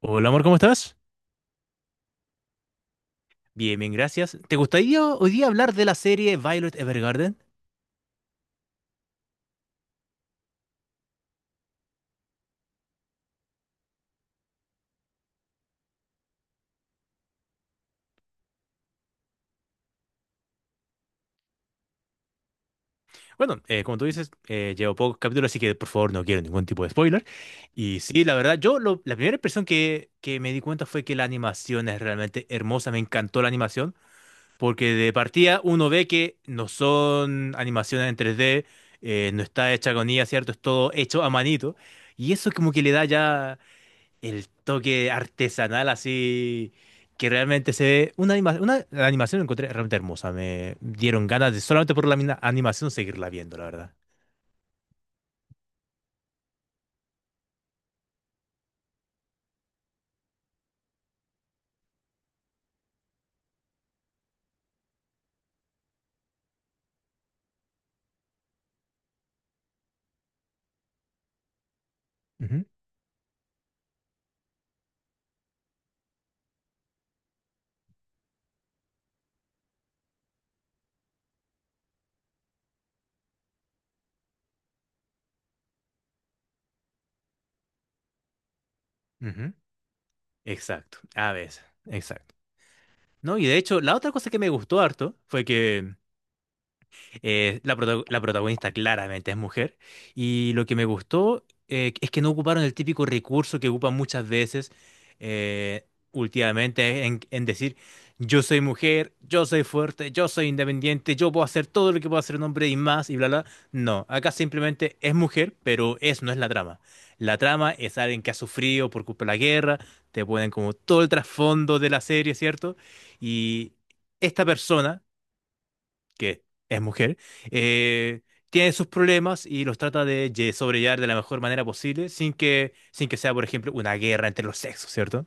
Hola amor, ¿cómo estás? Bien, bien, gracias. ¿Te gustaría hoy día hablar de la serie Violet Evergarden? Bueno, como tú dices, llevo pocos capítulos, así que por favor no quiero ningún tipo de spoiler. Y sí, la verdad, la primera impresión que me di cuenta fue que la animación es realmente hermosa, me encantó la animación, porque de partida uno ve que no son animaciones en 3D. No está hecha con IA, ¿cierto? Es todo hecho a manito. Y eso como que le da ya el toque artesanal, así que realmente se ve una animación, la animación la encontré realmente hermosa. Me dieron ganas de solamente por animación seguirla viendo, la verdad. Ujú, ujú. Exacto, a veces, exacto. No, y de hecho, la otra cosa que me gustó harto fue que la protagonista claramente es mujer, y lo que me gustó, es que no ocuparon el típico recurso que ocupan muchas veces eh, últimamente, en decir yo soy mujer, yo soy fuerte, yo soy independiente, yo puedo hacer todo lo que puedo hacer un hombre y más y bla bla. No, acá simplemente es mujer, pero eso no es la trama. La trama es alguien que ha sufrido por culpa de la guerra, te ponen como todo el trasfondo de la serie, ¿cierto? Y esta persona que es mujer, eh, tiene sus problemas y los trata de sobrellevar de la mejor manera posible sin que sea, por ejemplo, una guerra entre los sexos, ¿cierto?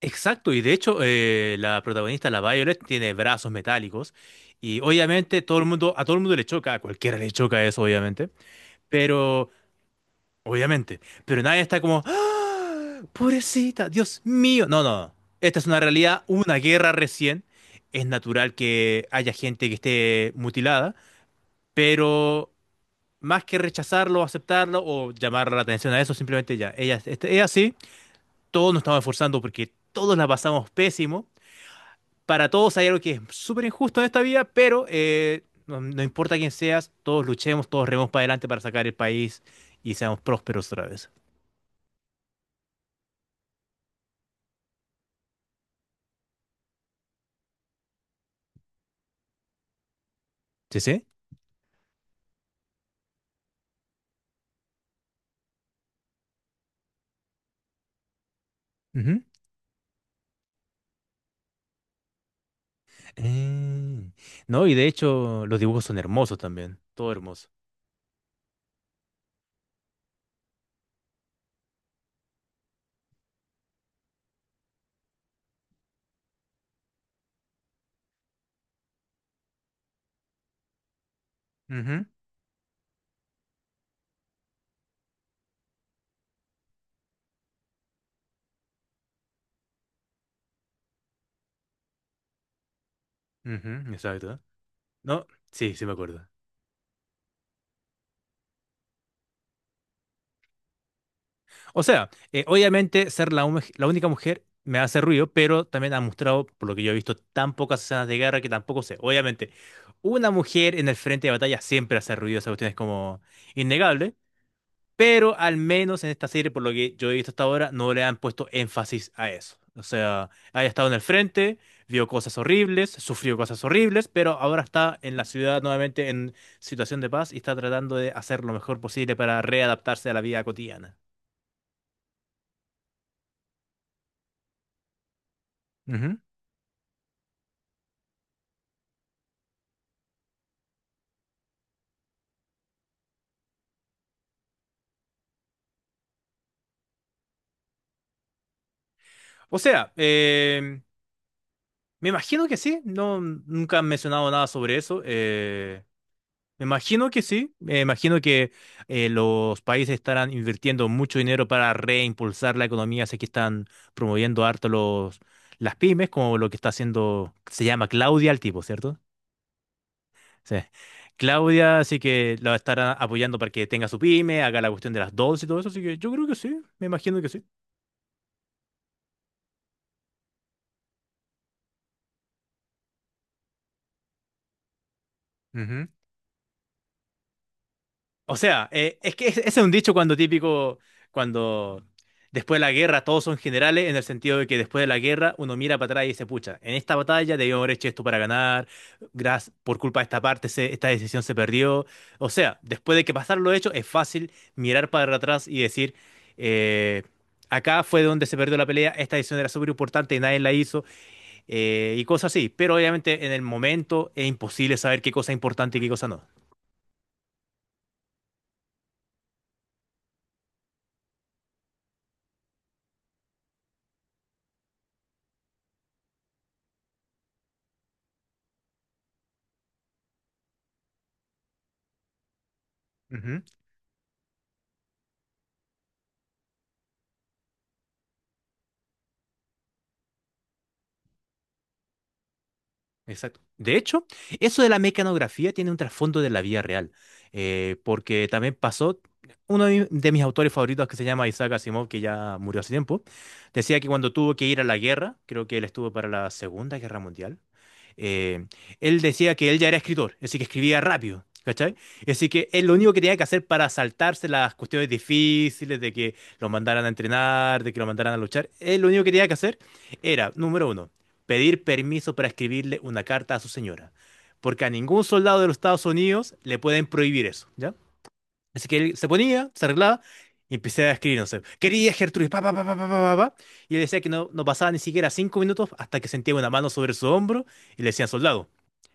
Exacto, y de hecho, la protagonista, la Violet, tiene brazos metálicos, y obviamente todo el mundo, a todo el mundo le choca, a cualquiera le choca eso, obviamente, pero pero nadie está como, ¡ah, pobrecita, Dios mío, no, no, no! Esta es una realidad, hubo una guerra recién, es natural que haya gente que esté mutilada, pero más que rechazarlo, aceptarlo o llamar la atención a eso, simplemente ya, ella es así, todos nos estamos esforzando porque todos la pasamos pésimo, para todos hay algo que es súper injusto en esta vida, pero no, no importa quién seas, todos luchemos, todos rememos para adelante para sacar el país y seamos prósperos otra vez. ¿Sí, sí? Ujú. Eh, No, y de hecho los dibujos son hermosos también, todo hermoso. Ujú, ujú, exacto. No, sí, sí me acuerdo. O sea, obviamente ser la única mujer me hace ruido, pero también ha mostrado, por lo que yo he visto, tan pocas escenas de guerra que tampoco sé. Obviamente, una mujer en el frente de batalla siempre hace ruido, esa cuestión es como innegable, pero al menos en esta serie, por lo que yo he visto hasta ahora, no le han puesto énfasis a eso. O sea, haya estado en el frente, vio cosas horribles, sufrió cosas horribles, pero ahora está en la ciudad nuevamente en situación de paz y está tratando de hacer lo mejor posible para readaptarse a la vida cotidiana. O sea, me imagino que sí, no, nunca han mencionado nada sobre eso. Me imagino que sí, me imagino que los países estarán invirtiendo mucho dinero para reimpulsar la economía, sé que están promoviendo harto las pymes, como lo que está haciendo, se llama Claudia el tipo, ¿cierto? Sí. Claudia, así que la estarán apoyando para que tenga su pyme, haga la cuestión de las dos y todo eso, así que yo creo que sí, me imagino que sí. O sea, es que ese es un dicho cuando típico, cuando después de la guerra todos son generales, en el sentido de que después de la guerra uno mira para atrás y dice, pucha, en esta batalla debíamos haber hecho esto para ganar, gracias, por culpa de esta parte esta decisión se perdió. O sea, después de que pasaron los hechos, es fácil mirar para atrás y decir, eh, acá fue donde se perdió la pelea, esta decisión era súper importante y nadie la hizo, y cosas así. Pero obviamente en el momento es imposible saber qué cosa es importante y qué cosa no. Exacto. De hecho, eso de la mecanografía tiene un trasfondo de la vida real, porque también pasó, uno de de mis autores favoritos que se llama Isaac Asimov, que ya murió hace tiempo, decía que cuando tuvo que ir a la guerra, creo que él estuvo para la Segunda Guerra Mundial, eh, él decía que él ya era escritor, así que escribía rápido, ¿cachai? Así que él lo único que tenía que hacer para saltarse las cuestiones difíciles de que lo mandaran a entrenar, de que lo mandaran a luchar, él lo único que tenía que hacer era, número uno, pedir permiso para escribirle una carta a su señora, porque a ningún soldado de los Estados Unidos le pueden prohibir eso, ¿ya? Así que él se ponía, se arreglaba y empecé a escribir, no sé, quería Gertrudis, pa, pa, pa, pa, pa, pa, pa, pa. Y él decía que no pasaba ni siquiera 5 minutos hasta que sentía una mano sobre su hombro y le decían, soldado,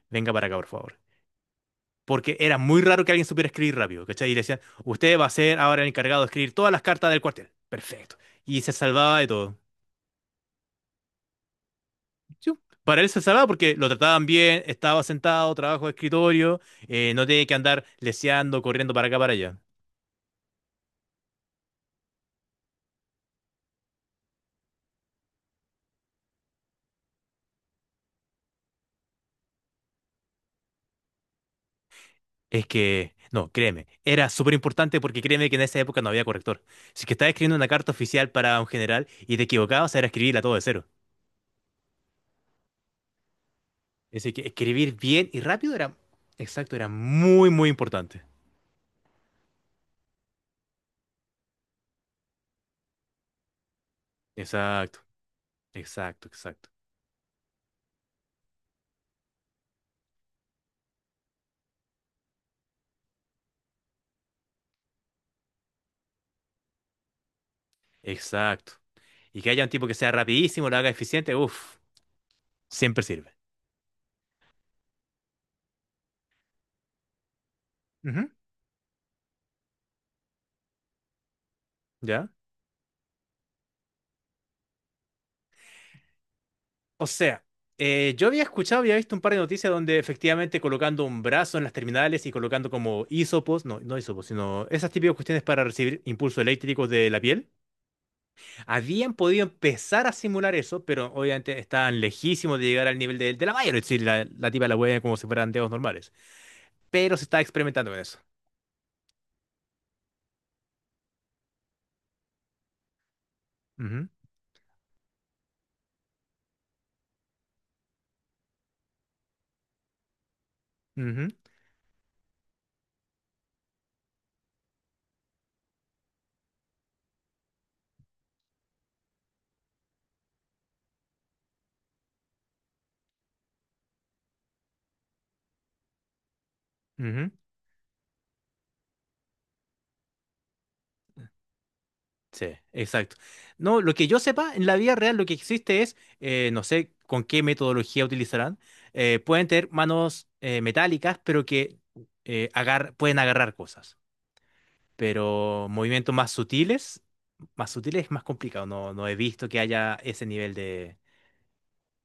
venga para acá, por favor. Porque era muy raro que alguien supiera escribir rápido, ¿cachai? Y le decían, usted va a ser ahora el encargado de escribir todas las cartas del cuartel. Perfecto. Y se salvaba de todo. Chu. Para él se salvaba porque lo trataban bien, estaba sentado, trabajo de escritorio, no tenía que andar leseando, corriendo para acá, para allá. Es que, no, créeme, era súper importante porque créeme que en esa época no había corrector. Si que estaba escribiendo una carta oficial para un general y te equivocabas, era escribirla todo de cero. Así que escribir bien y rápido era, exacto, era muy, muy importante. Exacto, exacto, exacto, exacto. Y que haya un tipo que sea rapidísimo, lo haga eficiente, uff, siempre sirve. Ujú. ¿Ya? O sea, yo había escuchado, había visto un par de noticias donde efectivamente colocando un brazo en las terminales y colocando como hisopos, no, no hisopos, sino esas típicas cuestiones para recibir impulsos eléctricos de la piel, habían podido empezar a simular eso, pero obviamente estaban lejísimos de llegar al nivel de la Bayer, es decir, la tipa la huella como si fueran dedos normales. Pero se está experimentando con eso. Ujú, ujú, ujú. Sí, exacto. No, lo que yo sepa, en la vida real lo que existe es, no sé con qué metodología utilizarán, pueden tener manos metálicas, pero que pueden agarrar cosas. Pero movimientos más sutiles es más complicado. No, no he visto que haya ese nivel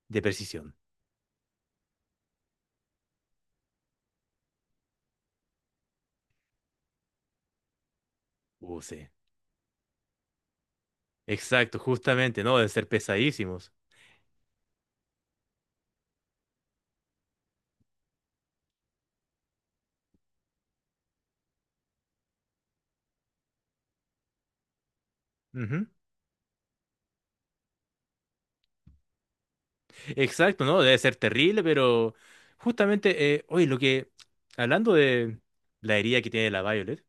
de precisión. Sí. Exacto, justamente, ¿no? Deben ser pesadísimos. Exacto, ¿no? Debe ser terrible, pero justamente, oye, hablando de la herida que tiene la Violet,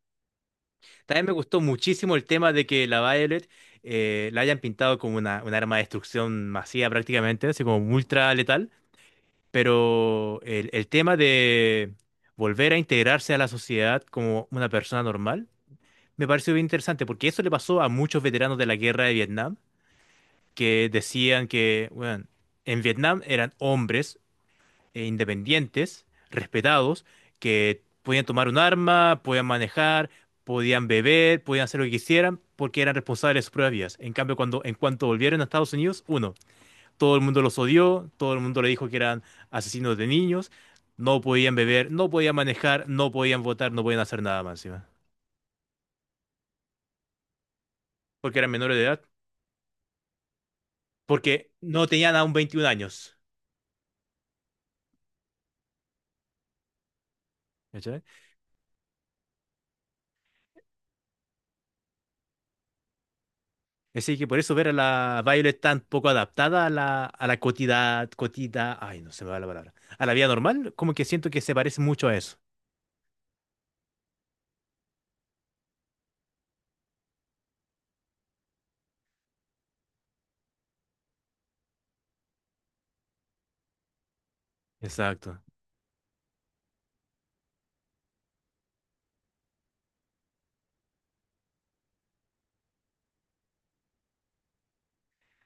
también me gustó muchísimo el tema de que la Violet la hayan pintado como un arma de destrucción masiva prácticamente, así como ultra letal, pero el tema de volver a integrarse a la sociedad como una persona normal, me pareció bien interesante, porque eso le pasó a muchos veteranos de la guerra de Vietnam, que decían que, bueno, en Vietnam eran hombres independientes, respetados, que podían tomar un arma, podían manejar, podían beber, podían hacer lo que quisieran, porque eran responsables de sus propias vidas. En cambio, en cuanto volvieron a Estados Unidos, uno, todo el mundo los odió, todo el mundo le dijo que eran asesinos de niños, no podían beber, no podían manejar, no podían votar, no podían hacer nada más encima, porque eran menores de edad, porque no tenían aún 21 años. Así que por eso ver a la Violet tan poco adaptada a la, ay, no se me va la palabra, a la vida normal, como que siento que se parece mucho a eso. Exacto.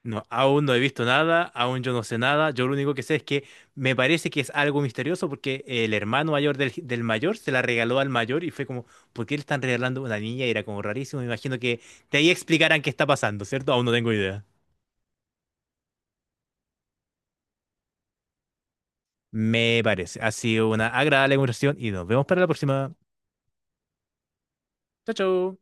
No, aún no he visto nada, aún yo no sé nada, yo lo único que sé es que me parece que es algo misterioso, porque el hermano mayor del mayor se la regaló al mayor y fue como, ¿por qué le están regalando una niña? Y era como rarísimo, me imagino que de ahí explicarán qué está pasando, ¿cierto? Aún no tengo idea. Me parece. Ha sido una agradable conversación y nos vemos para la próxima. Chao, chao.